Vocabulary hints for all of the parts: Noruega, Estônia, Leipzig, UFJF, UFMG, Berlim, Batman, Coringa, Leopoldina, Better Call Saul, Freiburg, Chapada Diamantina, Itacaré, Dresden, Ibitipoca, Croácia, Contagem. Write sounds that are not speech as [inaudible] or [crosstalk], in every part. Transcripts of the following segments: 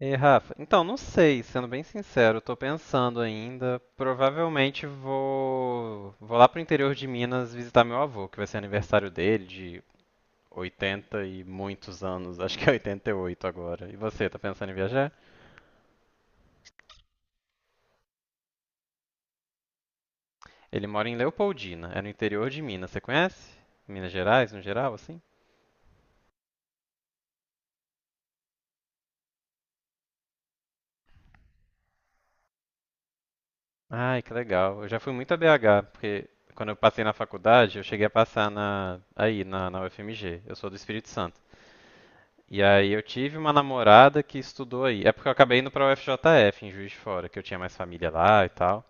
E Rafa, então não sei, sendo bem sincero, estou pensando ainda. Provavelmente vou lá pro interior de Minas visitar meu avô, que vai ser aniversário dele de 80 e muitos anos, acho que é 88 agora. E você, tá pensando em viajar? Ele mora em Leopoldina, é no interior de Minas, você conhece? Minas Gerais, no geral, assim? Ai, que legal. Eu já fui muito a BH, porque quando eu passei na faculdade, eu cheguei a passar na na UFMG. Eu sou do Espírito Santo. E aí eu tive uma namorada que estudou aí. É porque eu acabei indo pra UFJF, em Juiz de Fora, que eu tinha mais família lá e tal.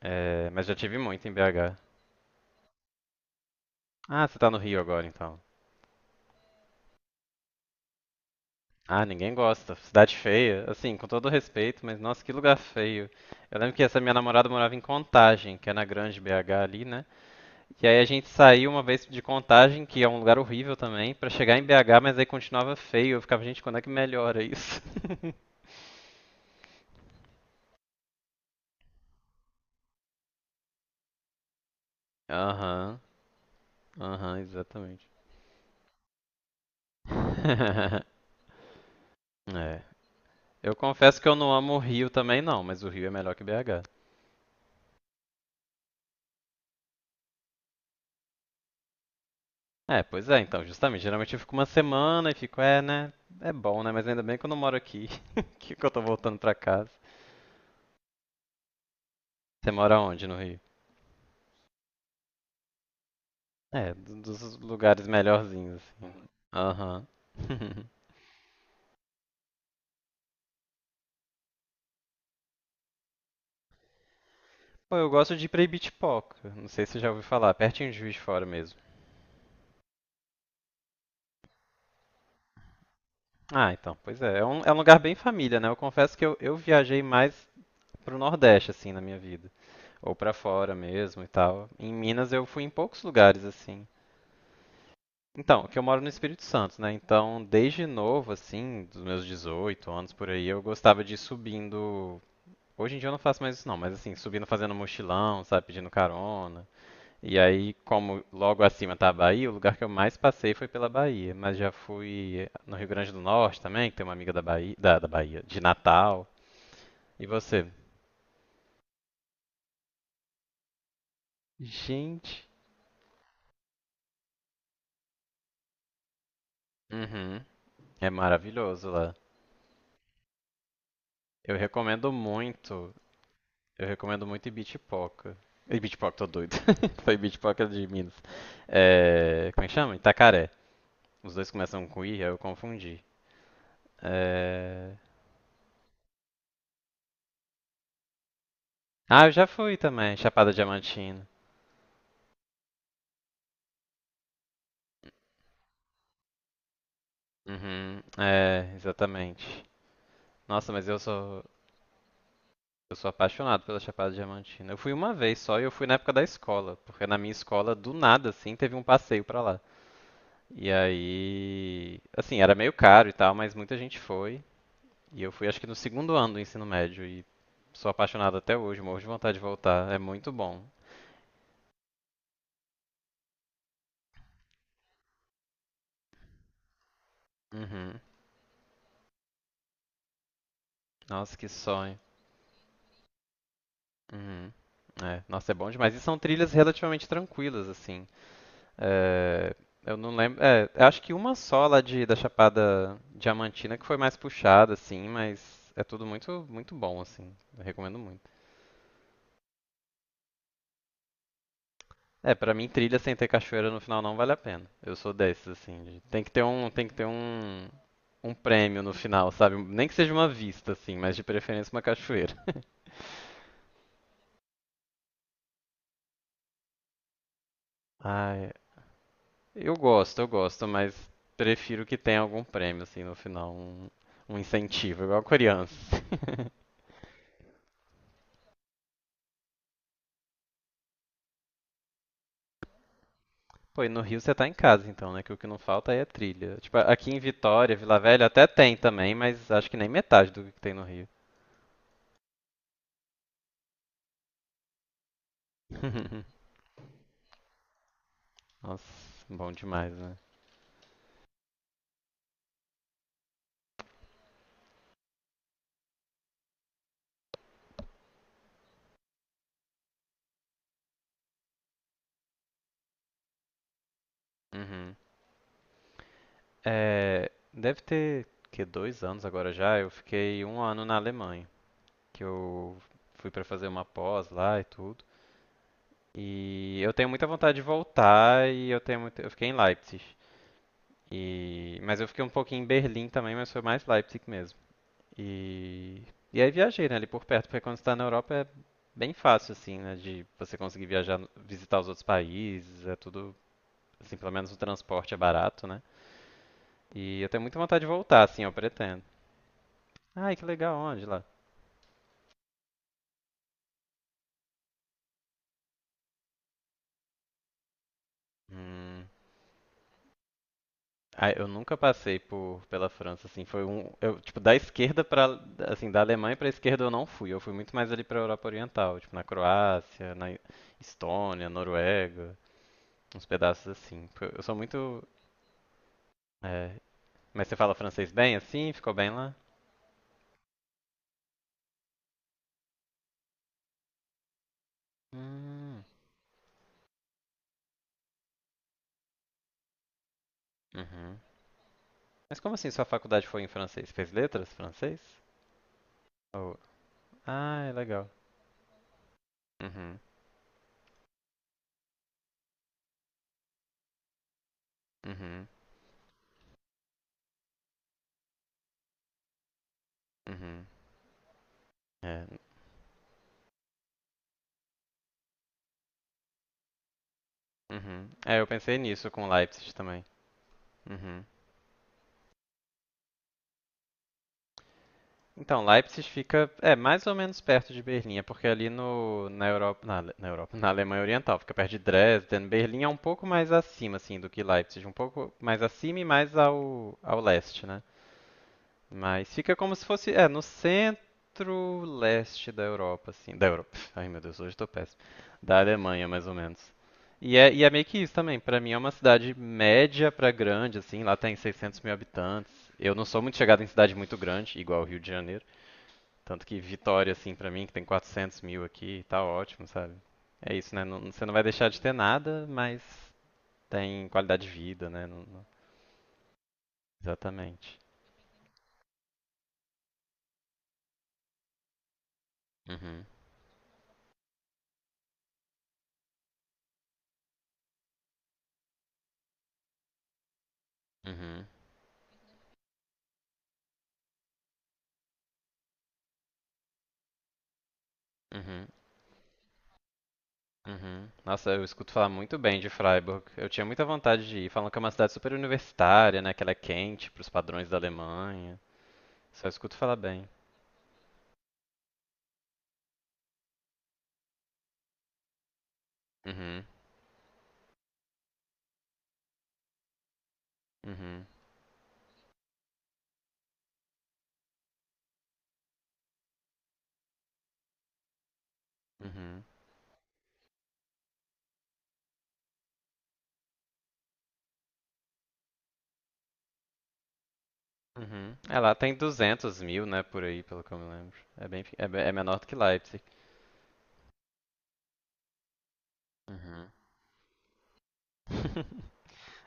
É, mas já tive muito em BH. Ah, você tá no Rio agora então. Ah, ninguém gosta. Cidade feia. Assim, com todo respeito, mas nossa, que lugar feio. Eu lembro que essa minha namorada morava em Contagem, que é na Grande BH ali, né? E aí a gente saiu uma vez de Contagem, que é um lugar horrível também, pra chegar em BH, mas aí continuava feio. Eu ficava, gente, quando é que melhora isso? [laughs] Aham, aham, exatamente. [laughs] É. Eu confesso que eu não amo o Rio também não, mas o Rio é melhor que BH. É, pois é, então, justamente. Geralmente eu fico uma semana e fico, é, né? É bom, né? Mas ainda bem que eu não moro aqui. [laughs] Que eu tô voltando pra casa. Você mora onde no Rio? É, do- dos lugares melhorzinhos, assim. Aham. [laughs] Pô, eu gosto de ir pra Ibitipoca. Não sei se você já ouviu falar, pertinho de Juiz de Fora mesmo. Ah, então, pois é. É um lugar bem família, né? Eu confesso que eu viajei mais pro Nordeste, assim, na minha vida. Ou pra fora mesmo e tal. Em Minas eu fui em poucos lugares assim. Então, que eu moro no Espírito Santo, né? Então, desde novo assim, dos meus 18 anos por aí, eu gostava de ir subindo. Hoje em dia eu não faço mais isso não, mas assim, subindo fazendo mochilão, sabe, pedindo carona. E aí, como logo acima tá a Bahia, o lugar que eu mais passei foi pela Bahia, mas já fui no Rio Grande do Norte também, que tem uma amiga da Bahia, da Bahia, de Natal. E você? Gente, uhum, é maravilhoso lá. Eu recomendo muito. Eu recomendo muito Ibitipoca. Ibitipoca, tô doido. [laughs] Foi Ibitipoca de Minas. É, como é que chama? Itacaré. Os dois começam com I, aí eu confundi. É... Ah, eu já fui também, Chapada Diamantina. Uhum, é, exatamente. Nossa, mas eu sou apaixonado pela Chapada Diamantina. Eu fui uma vez só e eu fui na época da escola, porque na minha escola, do nada, assim, teve um passeio pra lá. E aí, assim, era meio caro e tal, mas muita gente foi. E eu fui acho que no segundo ano do ensino médio e sou apaixonado até hoje, morro de vontade de voltar. É muito bom. Uhum. Nossa, que sonho. Uhum. É, nossa, é bom demais. E são trilhas relativamente tranquilas, assim. É, eu não lembro. É, eu acho que uma só lá de, da Chapada Diamantina que foi mais puxada, assim, mas é tudo muito, muito bom, assim. Eu recomendo muito. É, pra mim trilha sem ter cachoeira no final não vale a pena. Eu sou desses assim, de- tem que ter um prêmio no final, sabe? Nem que seja uma vista assim, mas de preferência uma cachoeira. Ai, eu gosto, mas prefiro que tenha algum prêmio assim no final, um incentivo, igual a criança. [laughs] Pô, e no Rio você tá em casa então, né? Que o que não falta aí é trilha. Tipo, aqui em Vitória, Vila Velha até tem também, mas acho que nem metade do que tem no Rio. [laughs] Nossa, bom demais, né? Uhum. É, deve ter que dois anos agora já. Eu fiquei um ano na Alemanha, que eu fui para fazer uma pós lá e tudo. E eu tenho muita vontade de voltar e eu tenho muito... eu fiquei em Leipzig. E mas eu fiquei um pouquinho em Berlim também, mas foi mais Leipzig mesmo. E e aí viajei, né, ali por perto, porque quando você tá na Europa é bem fácil assim, né, de você conseguir viajar, visitar os outros países, é tudo assim, pelo menos o transporte é barato, né? E eu tenho muita vontade de voltar, assim, eu pretendo. Ai, que legal, onde lá? Hum. Ah, eu nunca passei por pela França, assim, foi um, eu, tipo, da esquerda para, assim, da Alemanha pra esquerda eu não fui, eu fui muito mais ali pra Europa Oriental, tipo, na Croácia, na Estônia, Noruega, uns pedaços assim. Porque eu sou muito, é, mas você fala francês bem, assim, ficou bem lá? Hum. Uhum. Mas como assim sua faculdade foi em francês? Fez letras francês? Ou... Ah, é legal. Uhum. Uhum. Uhum. É, uhum. É, eu pensei nisso com Leipzig também. Uhum. Então, Leipzig fica, é, mais ou menos perto de Berlim, é porque ali no, na Europa, na, Ale- na Europa, [laughs] na Alemanha Oriental, fica perto de Dresden. Berlim é um pouco mais acima, assim, do que Leipzig, um pouco mais acima e mais ao leste, né? Mas fica como se fosse, é, no centro-leste da Europa, assim. Da Europa. [laughs] Ai, meu Deus, hoje tô péssimo. Da Alemanha, mais ou menos. E é meio que isso também. Pra mim é uma cidade média pra grande, assim. Lá tem 600 mil habitantes. Eu não sou muito chegado em cidade muito grande, igual o Rio de Janeiro. Tanto que Vitória, assim, pra mim, que tem 400 mil aqui, tá ótimo, sabe? É isso, né? Não- você não vai deixar de ter nada, mas tem qualidade de vida, né? Não- não- exatamente. Uhum, uhum, uhum. Uhum. Nossa, eu escuto falar muito bem de Freiburg. Eu tinha muita vontade de ir. Falam que é uma cidade super universitária, né? Que ela é quente pros padrões da Alemanha. Só escuto falar bem. Uhum, uhum, uhum, uhum. É, lá tem 200 mil, né? Por aí, pelo que eu me lembro. É bem, pe- é, be- é menor do que Leipzig. Uhum. [laughs]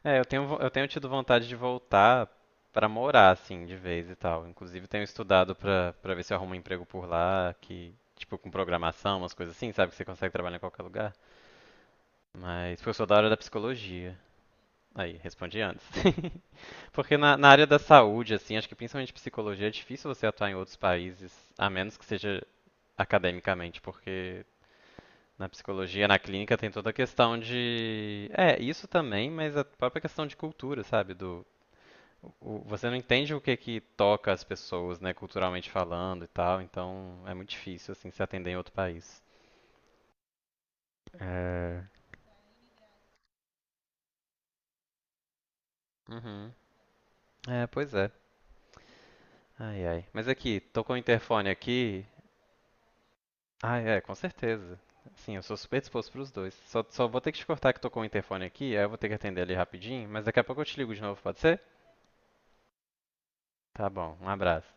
É, eu tenho, vo- eu tenho tido vontade de voltar pra morar, assim, de vez e tal. Inclusive, tenho estudado pra para ver se eu arrumo um emprego por lá, que, tipo, com programação, umas coisas assim, sabe? Que você consegue trabalhar em qualquer lugar. Mas, foi só da área da psicologia. Aí, respondi antes. [laughs] Porque na área da saúde, assim, acho que principalmente psicologia, é difícil você atuar em outros países, a menos que seja academicamente, porque na psicologia, na clínica, tem toda a questão de. É, isso também, mas a própria questão de cultura, sabe? Do, o- você não entende o que que toca as pessoas, né, culturalmente falando e tal, então é muito difícil, assim, se atender em outro país. É. Uhum. É, pois é. Ai, ai. Mas aqui, tocou o interfone aqui. Ah, é, com certeza. Sim, eu sou super disposto pros dois. Só, só vou ter que te cortar que tocou o interfone aqui, aí eu vou ter que atender ali rapidinho, mas daqui a pouco eu te ligo de novo, pode ser? Tá bom, um abraço.